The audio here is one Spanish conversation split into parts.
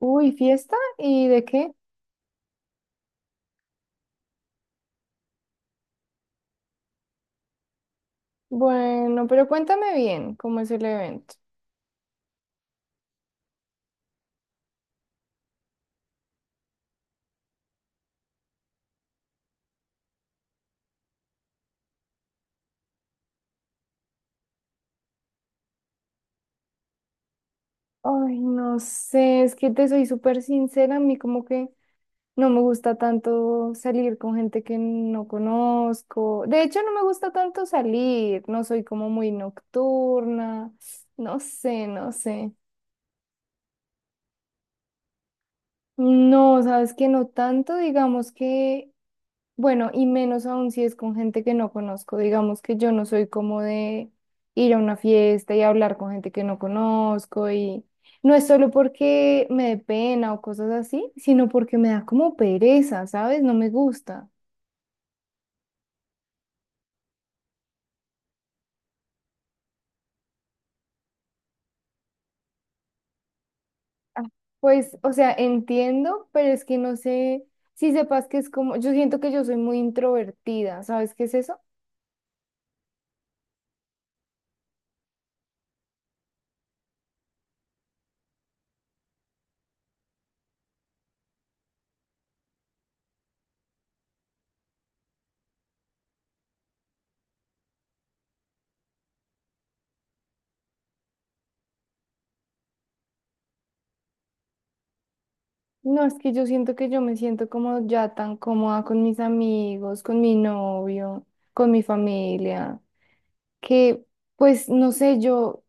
Uy, ¿fiesta? ¿Y de qué? Bueno, pero cuéntame bien cómo es el evento. Ay, no sé, es que te soy súper sincera, a mí como que no me gusta tanto salir con gente que no conozco. De hecho, no me gusta tanto salir, no soy como muy nocturna, no sé, no sé. No, sabes que no tanto, digamos que. Bueno, y menos aún si es con gente que no conozco. Digamos que yo no soy como de ir a una fiesta y hablar con gente que no conozco y no es solo porque me dé pena o cosas así, sino porque me da como pereza, ¿sabes? No me gusta. Ah, pues, o sea, entiendo, pero es que no sé si sepas que es como, yo siento que yo soy muy introvertida, ¿sabes qué es eso? No, es que yo siento que yo me siento como ya tan cómoda con mis amigos, con mi novio, con mi familia, que pues no sé, yo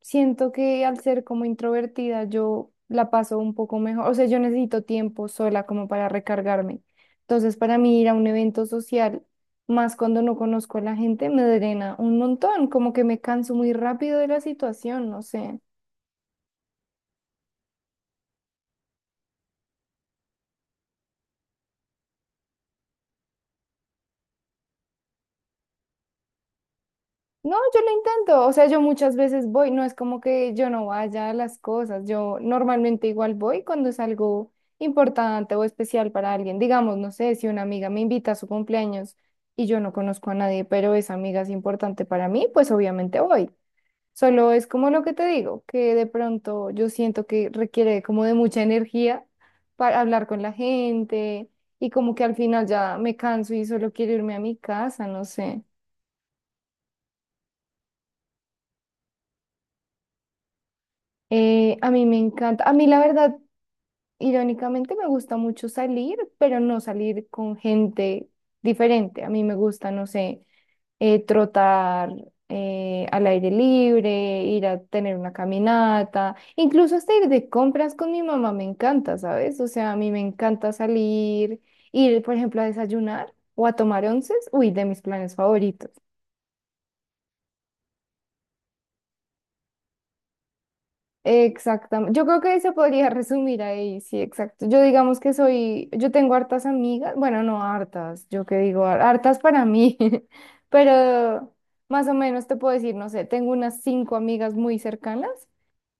siento que al ser como introvertida yo la paso un poco mejor, o sea, yo necesito tiempo sola como para recargarme. Entonces, para mí ir a un evento social, más cuando no conozco a la gente, me drena un montón, como que me canso muy rápido de la situación, no sé. No, yo lo intento, o sea, yo muchas veces voy, no es como que yo no vaya a las cosas, yo normalmente igual voy cuando es algo importante o especial para alguien, digamos, no sé, si una amiga me invita a su cumpleaños y yo no conozco a nadie, pero esa amiga es importante para mí, pues obviamente voy. Solo es como lo que te digo, que de pronto yo siento que requiere como de mucha energía para hablar con la gente y como que al final ya me canso y solo quiero irme a mi casa, no sé. A mí me encanta, a mí la verdad, irónicamente me gusta mucho salir, pero no salir con gente diferente. A mí me gusta, no sé, trotar, al aire libre, ir a tener una caminata, incluso hasta ir de compras con mi mamá me encanta, ¿sabes? O sea, a mí me encanta salir, ir, por ejemplo, a desayunar o a tomar onces, uy, de mis planes favoritos. Exactamente. Yo creo que se podría resumir ahí, sí, exacto. Yo digamos que soy, yo tengo hartas amigas, bueno, no hartas, yo que digo, hartas para mí, pero más o menos te puedo decir, no sé, tengo unas cinco amigas muy cercanas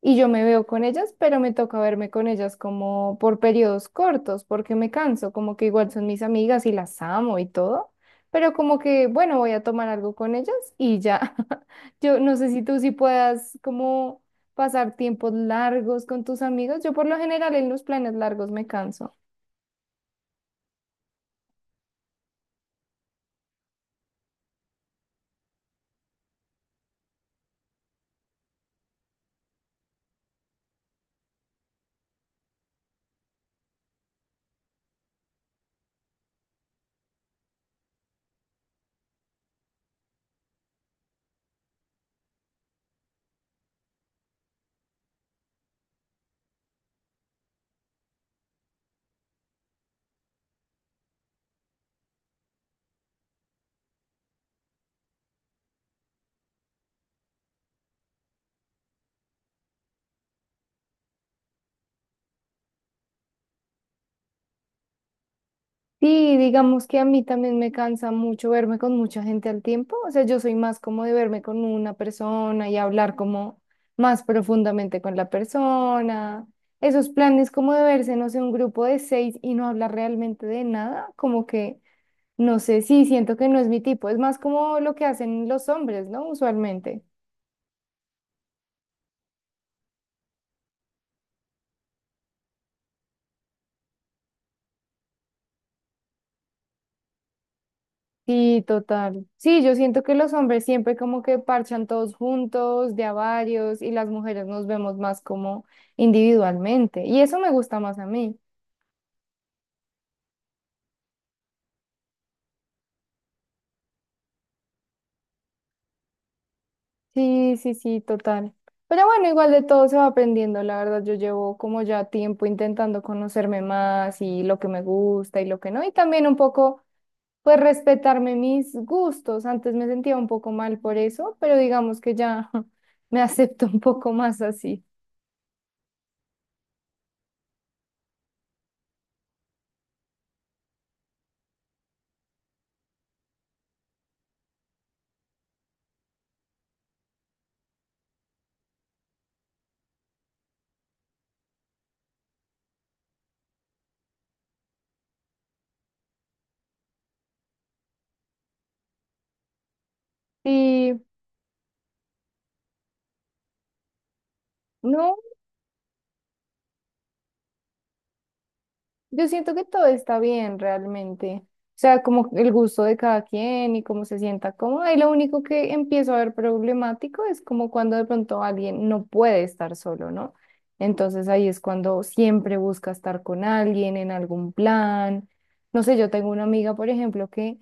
y yo me veo con ellas, pero me toca verme con ellas como por periodos cortos, porque me canso, como que igual son mis amigas y las amo y todo, pero como que, bueno, voy a tomar algo con ellas y ya. Yo no sé si tú sí puedas como pasar tiempos largos con tus amigos. Yo por lo general en los planes largos me canso. Sí, digamos que a mí también me cansa mucho verme con mucha gente al tiempo. O sea, yo soy más como de verme con una persona y hablar como más profundamente con la persona. Esos planes como de verse, no sé, un grupo de seis y no hablar realmente de nada, como que, no sé, sí, siento que no es mi tipo. Es más como lo que hacen los hombres, ¿no? Usualmente. Sí, total. Sí, yo siento que los hombres siempre como que parchan todos juntos, de a varios, y las mujeres nos vemos más como individualmente. Y eso me gusta más a mí. Sí, sí, sí, total. Pero bueno, igual de todo se va aprendiendo, la verdad. Yo llevo como ya tiempo intentando conocerme más y lo que me gusta y lo que no. Y también un poco, pues, respetarme mis gustos. Antes me sentía un poco mal por eso, pero digamos que ya me acepto un poco más así. Sí. No, yo siento que todo está bien realmente. O sea, como el gusto de cada quien y cómo se sienta cómoda. Y lo único que empiezo a ver problemático es como cuando de pronto alguien no puede estar solo, ¿no? Entonces ahí es cuando siempre busca estar con alguien en algún plan. No sé, yo tengo una amiga, por ejemplo, que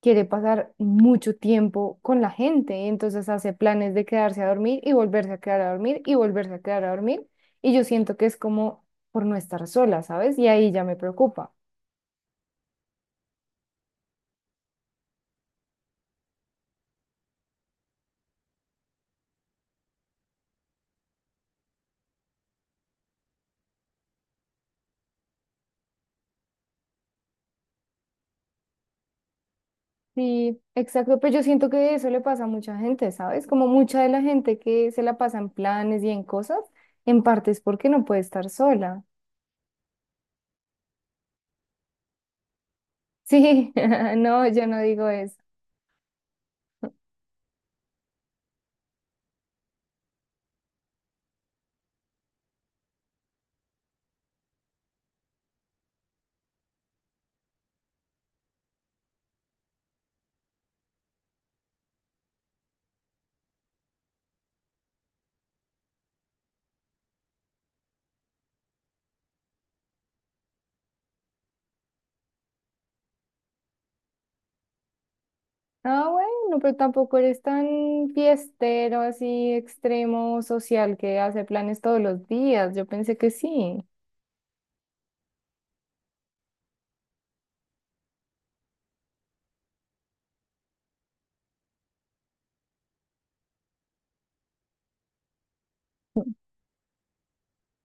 quiere pasar mucho tiempo con la gente y entonces hace planes de quedarse a dormir y volverse a quedar a dormir y volverse a quedar a dormir. Y yo siento que es como por no estar sola, ¿sabes? Y ahí ya me preocupa. Sí, exacto, pero yo siento que eso le pasa a mucha gente, ¿sabes? Como mucha de la gente que se la pasa en planes y en cosas, en parte es porque no puede estar sola. Sí, no, yo no digo eso. Ah, bueno, pero tampoco eres tan fiestero, así extremo social que hace planes todos los días. Yo pensé que sí.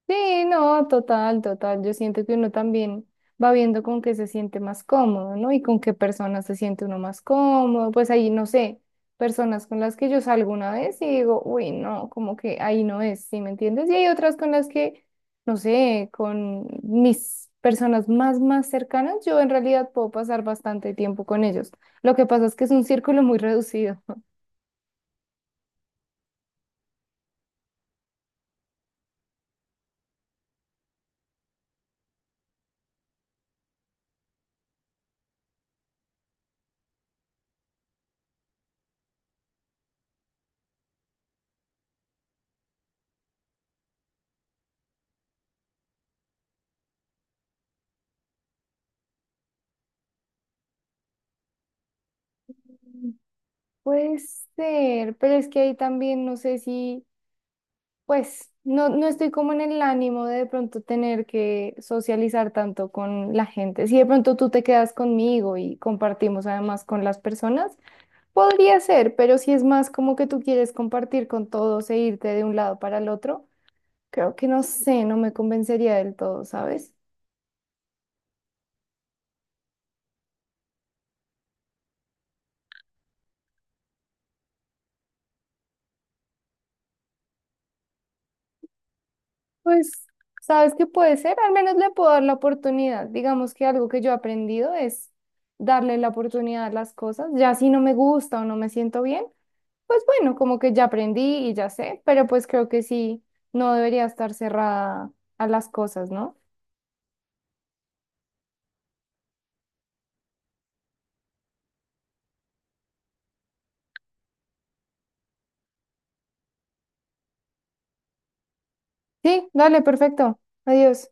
Sí, no, total, total. Yo siento que uno también va viendo con qué se siente más cómodo, ¿no? Y con qué personas se siente uno más cómodo. Pues ahí, no sé, personas con las que yo salgo una vez y digo, uy, no, como que ahí no es, ¿sí me entiendes? Y hay otras con las que, no sé, con mis personas más, más cercanas, yo en realidad puedo pasar bastante tiempo con ellos. Lo que pasa es que es un círculo muy reducido. Puede ser, pero es que ahí también no sé si... Pues no, no estoy como en el ánimo de pronto tener que socializar tanto con la gente. Si de pronto tú te quedas conmigo y compartimos además con las personas, podría ser, pero si es más como que tú quieres compartir con todos e irte de un lado para el otro, creo que no sé, no me convencería del todo, ¿sabes? Pues, ¿sabes qué puede ser? Al menos le puedo dar la oportunidad. Digamos que algo que yo he aprendido es darle la oportunidad a las cosas, ya si no me gusta o no me siento bien. Pues bueno, como que ya aprendí y ya sé, pero pues creo que sí, no debería estar cerrada a las cosas, ¿no? Sí, dale, perfecto. Adiós.